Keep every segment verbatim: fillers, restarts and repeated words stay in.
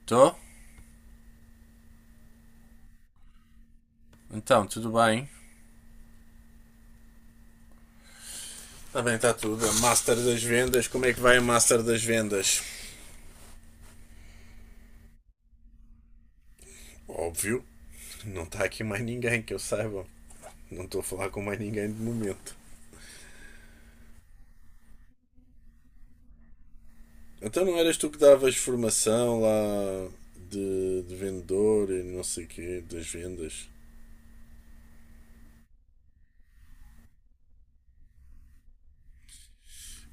Estou? Então, tudo bem? Está bem, está tudo. A Master das Vendas, como é que vai a Master das Vendas? Óbvio, não está aqui mais ninguém que eu saiba. Não estou a falar com mais ninguém de momento. Então não eras tu que davas formação lá de, de vendedor e não sei o quê, das vendas?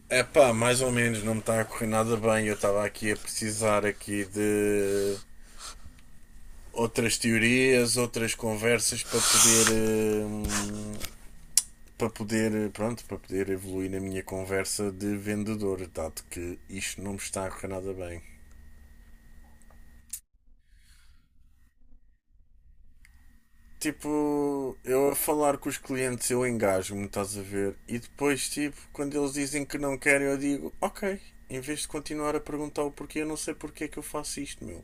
É pá, mais ou menos, não me está a correr nada bem. Eu estava aqui a precisar aqui de outras teorias, outras conversas para poder hum, para poder, pronto, para poder evoluir na minha conversa de vendedor, dado que isto não me está a correr nada bem. Tipo, eu a falar com os clientes eu engajo-me, estás a ver? E depois, tipo, quando eles dizem que não querem, eu digo, ok, em vez de continuar a perguntar o porquê, eu não sei porquê que eu faço isto, meu.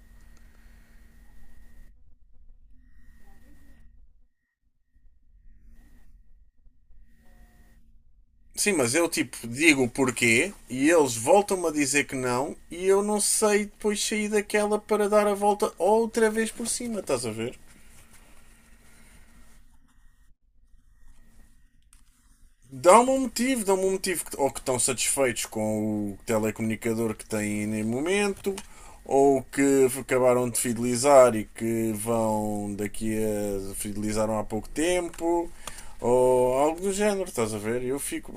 Sim, mas eu tipo digo o porquê e eles voltam-me a dizer que não e eu não sei depois sair daquela para dar a volta outra vez por cima, estás a ver? Dá-me um motivo, dá-me um motivo. Ou que estão satisfeitos com o telecomunicador que têm no momento, ou que acabaram de fidelizar e que vão daqui a. Fidelizaram há pouco tempo, ou algo do género, estás a ver? Eu fico.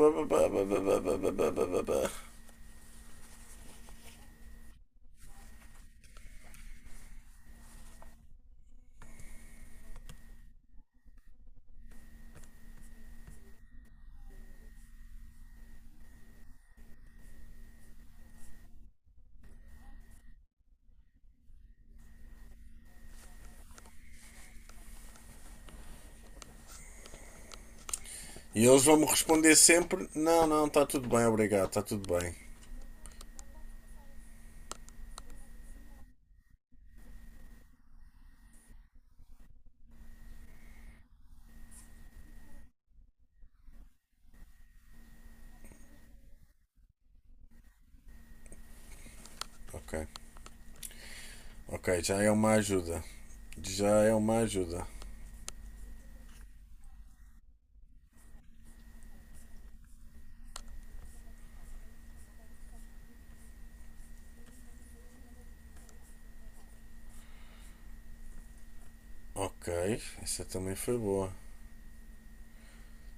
E eles vão-me responder sempre: não, não, está tudo bem, obrigado, está tudo bem. Ok, ok, já é uma ajuda. Já é uma ajuda. Ok, essa também foi boa.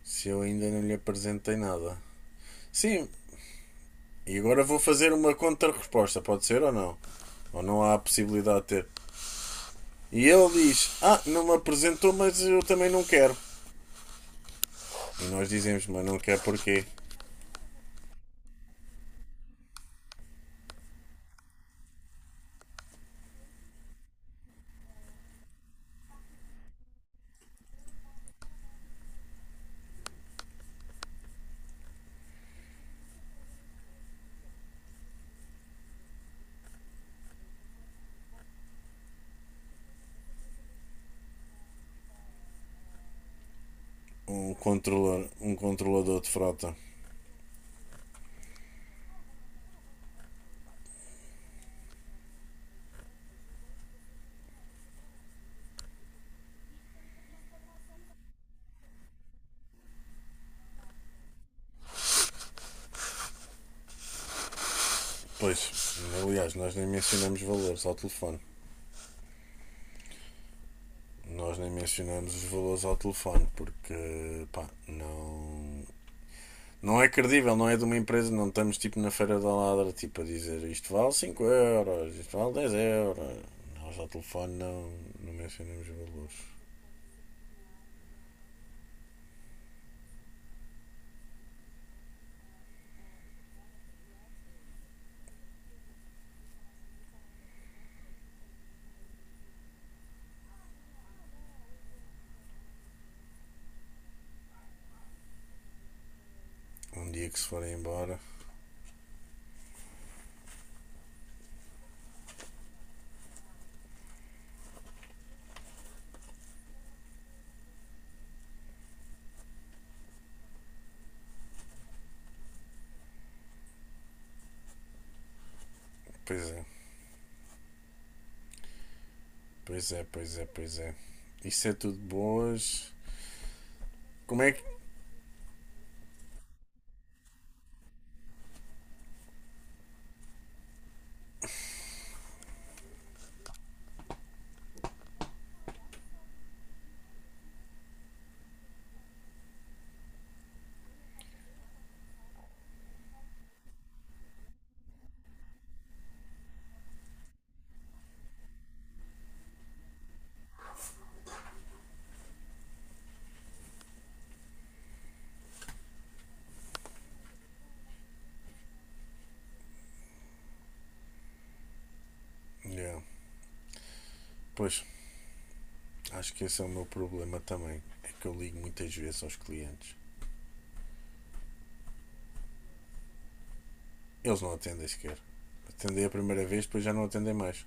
Se eu ainda não lhe apresentei nada. Sim, e agora vou fazer uma contra-resposta, pode ser ou não? Ou não há a possibilidade de ter? E ele diz: Ah, não me apresentou, mas eu também não quero. E nós dizemos: Mas não quer porquê? Um controlador, um controlador de frota. Pois, aliás, nós nem mencionamos valores ao telefone. Nós nem mencionamos os valores ao telefone porque, pá, não. Não é credível, não é de uma empresa, não estamos tipo na feira da ladra, tipo a dizer isto vale cinco euros, isto vale dez euros. Nós ao telefone não, não mencionamos valores. Um dia que se forem embora, pois é, pois é, pois é, pois é. Isso é tudo boas. Como é que. Yeah. Pois, acho que esse é o meu problema também. É que eu ligo muitas vezes aos clientes. Eles não atendem sequer. Atendem a primeira vez, depois já não atendem mais.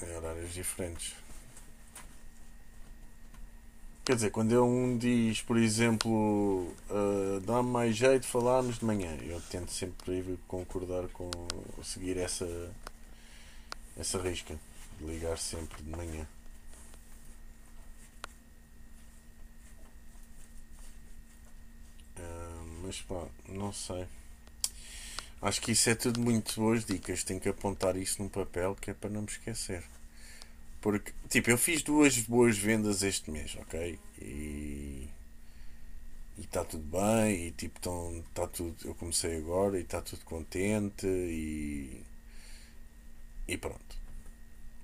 Em horários diferentes. Quer dizer, quando eu um diz, por exemplo, ah, dá-me mais jeito de falarmos de manhã, eu tento sempre concordar com seguir essa, essa risca de ligar sempre de manhã. Ah, mas pá, não sei. Acho que isso é tudo muito boas dicas. Tenho que apontar isso num papel que é para não me esquecer. Porque, tipo, eu fiz duas boas vendas este mês, ok? E e está tudo bem, e tipo, tão, tá tudo, eu comecei agora e está tudo contente e, e pronto.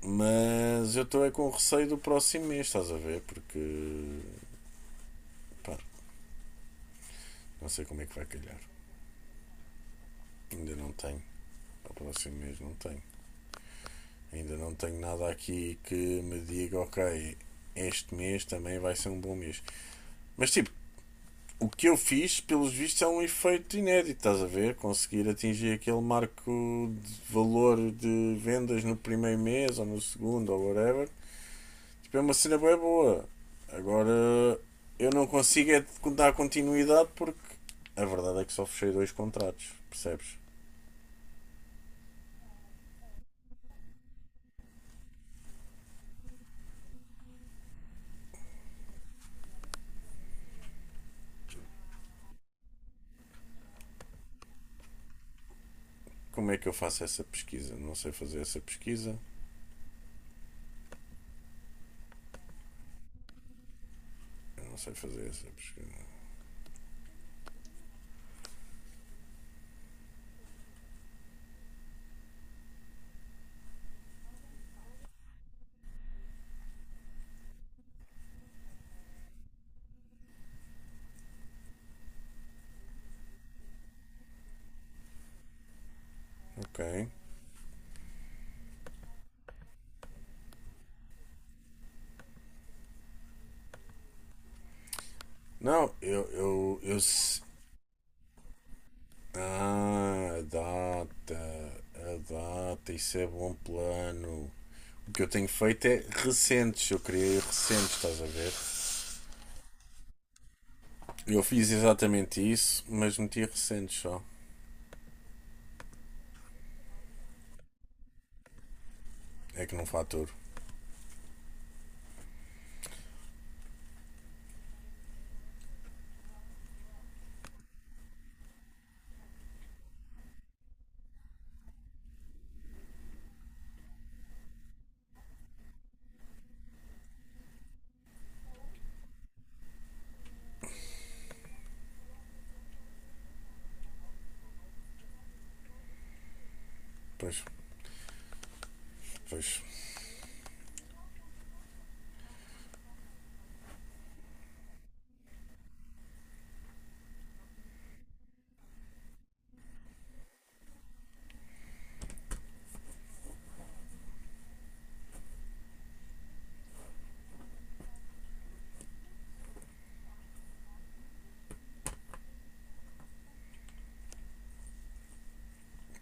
Mas eu estou é com receio do próximo mês, estás a ver? Porque pá, não sei como é que vai calhar. Ainda não tenho. Para o próximo mês não tenho. Ainda não tenho nada aqui que me diga, ok, este mês também vai ser um bom mês. Mas tipo, o que eu fiz, pelos vistos, é um efeito inédito, estás a ver? Conseguir atingir aquele marco de valor de vendas no primeiro mês ou no segundo ou whatever. Tipo, é uma cena bem boa. Agora, eu não consigo é dar continuidade porque a verdade é que só fechei dois contratos, percebes? Como é que eu faço essa pesquisa? Não sei fazer essa pesquisa. Eu não sei fazer essa pesquisa. Ok. Não, eu. Eu, eu se- ah, a data. A data, isso é bom plano. O que eu tenho feito é recentes. Eu criei recentes, estás a ver? Eu fiz exatamente isso, mas meti recentes só. É que não faturo. Pois, pois,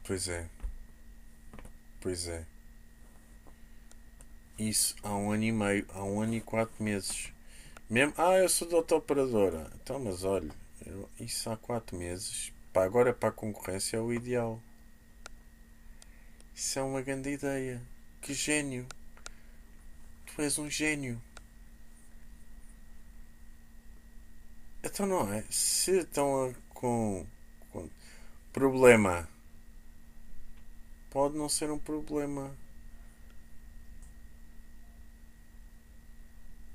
pois é, pois é. Isso há um ano e meio, há um ano e quatro meses. Mesmo, ah, eu sou da operadora. Então, mas olha, eu- isso há quatro meses. Para agora, para a concorrência, é o ideal. Isso é uma grande ideia. Que gênio. Tu és um gênio. Então, não é? Se estão com, com problema, pode não ser um problema.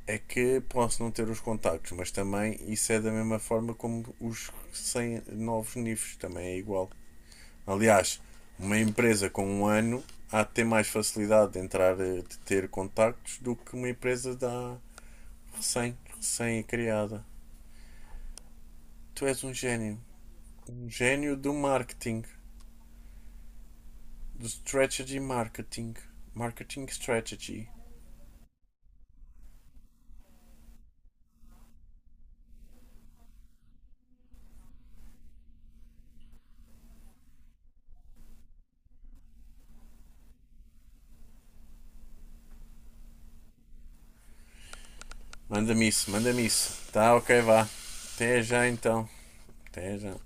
É que posso não ter os contactos, mas também isso é da mesma forma como os cem novos níveis também é igual. Aliás, uma empresa com um ano há de ter mais facilidade de entrar, eh, de ter contactos do que uma empresa da recém, recém criada. Tu és um gênio. Um gênio do marketing. Do strategy marketing. Marketing strategy. Manda-me isso, manda-me isso. Tá, ok, vá. Até já então. Até já.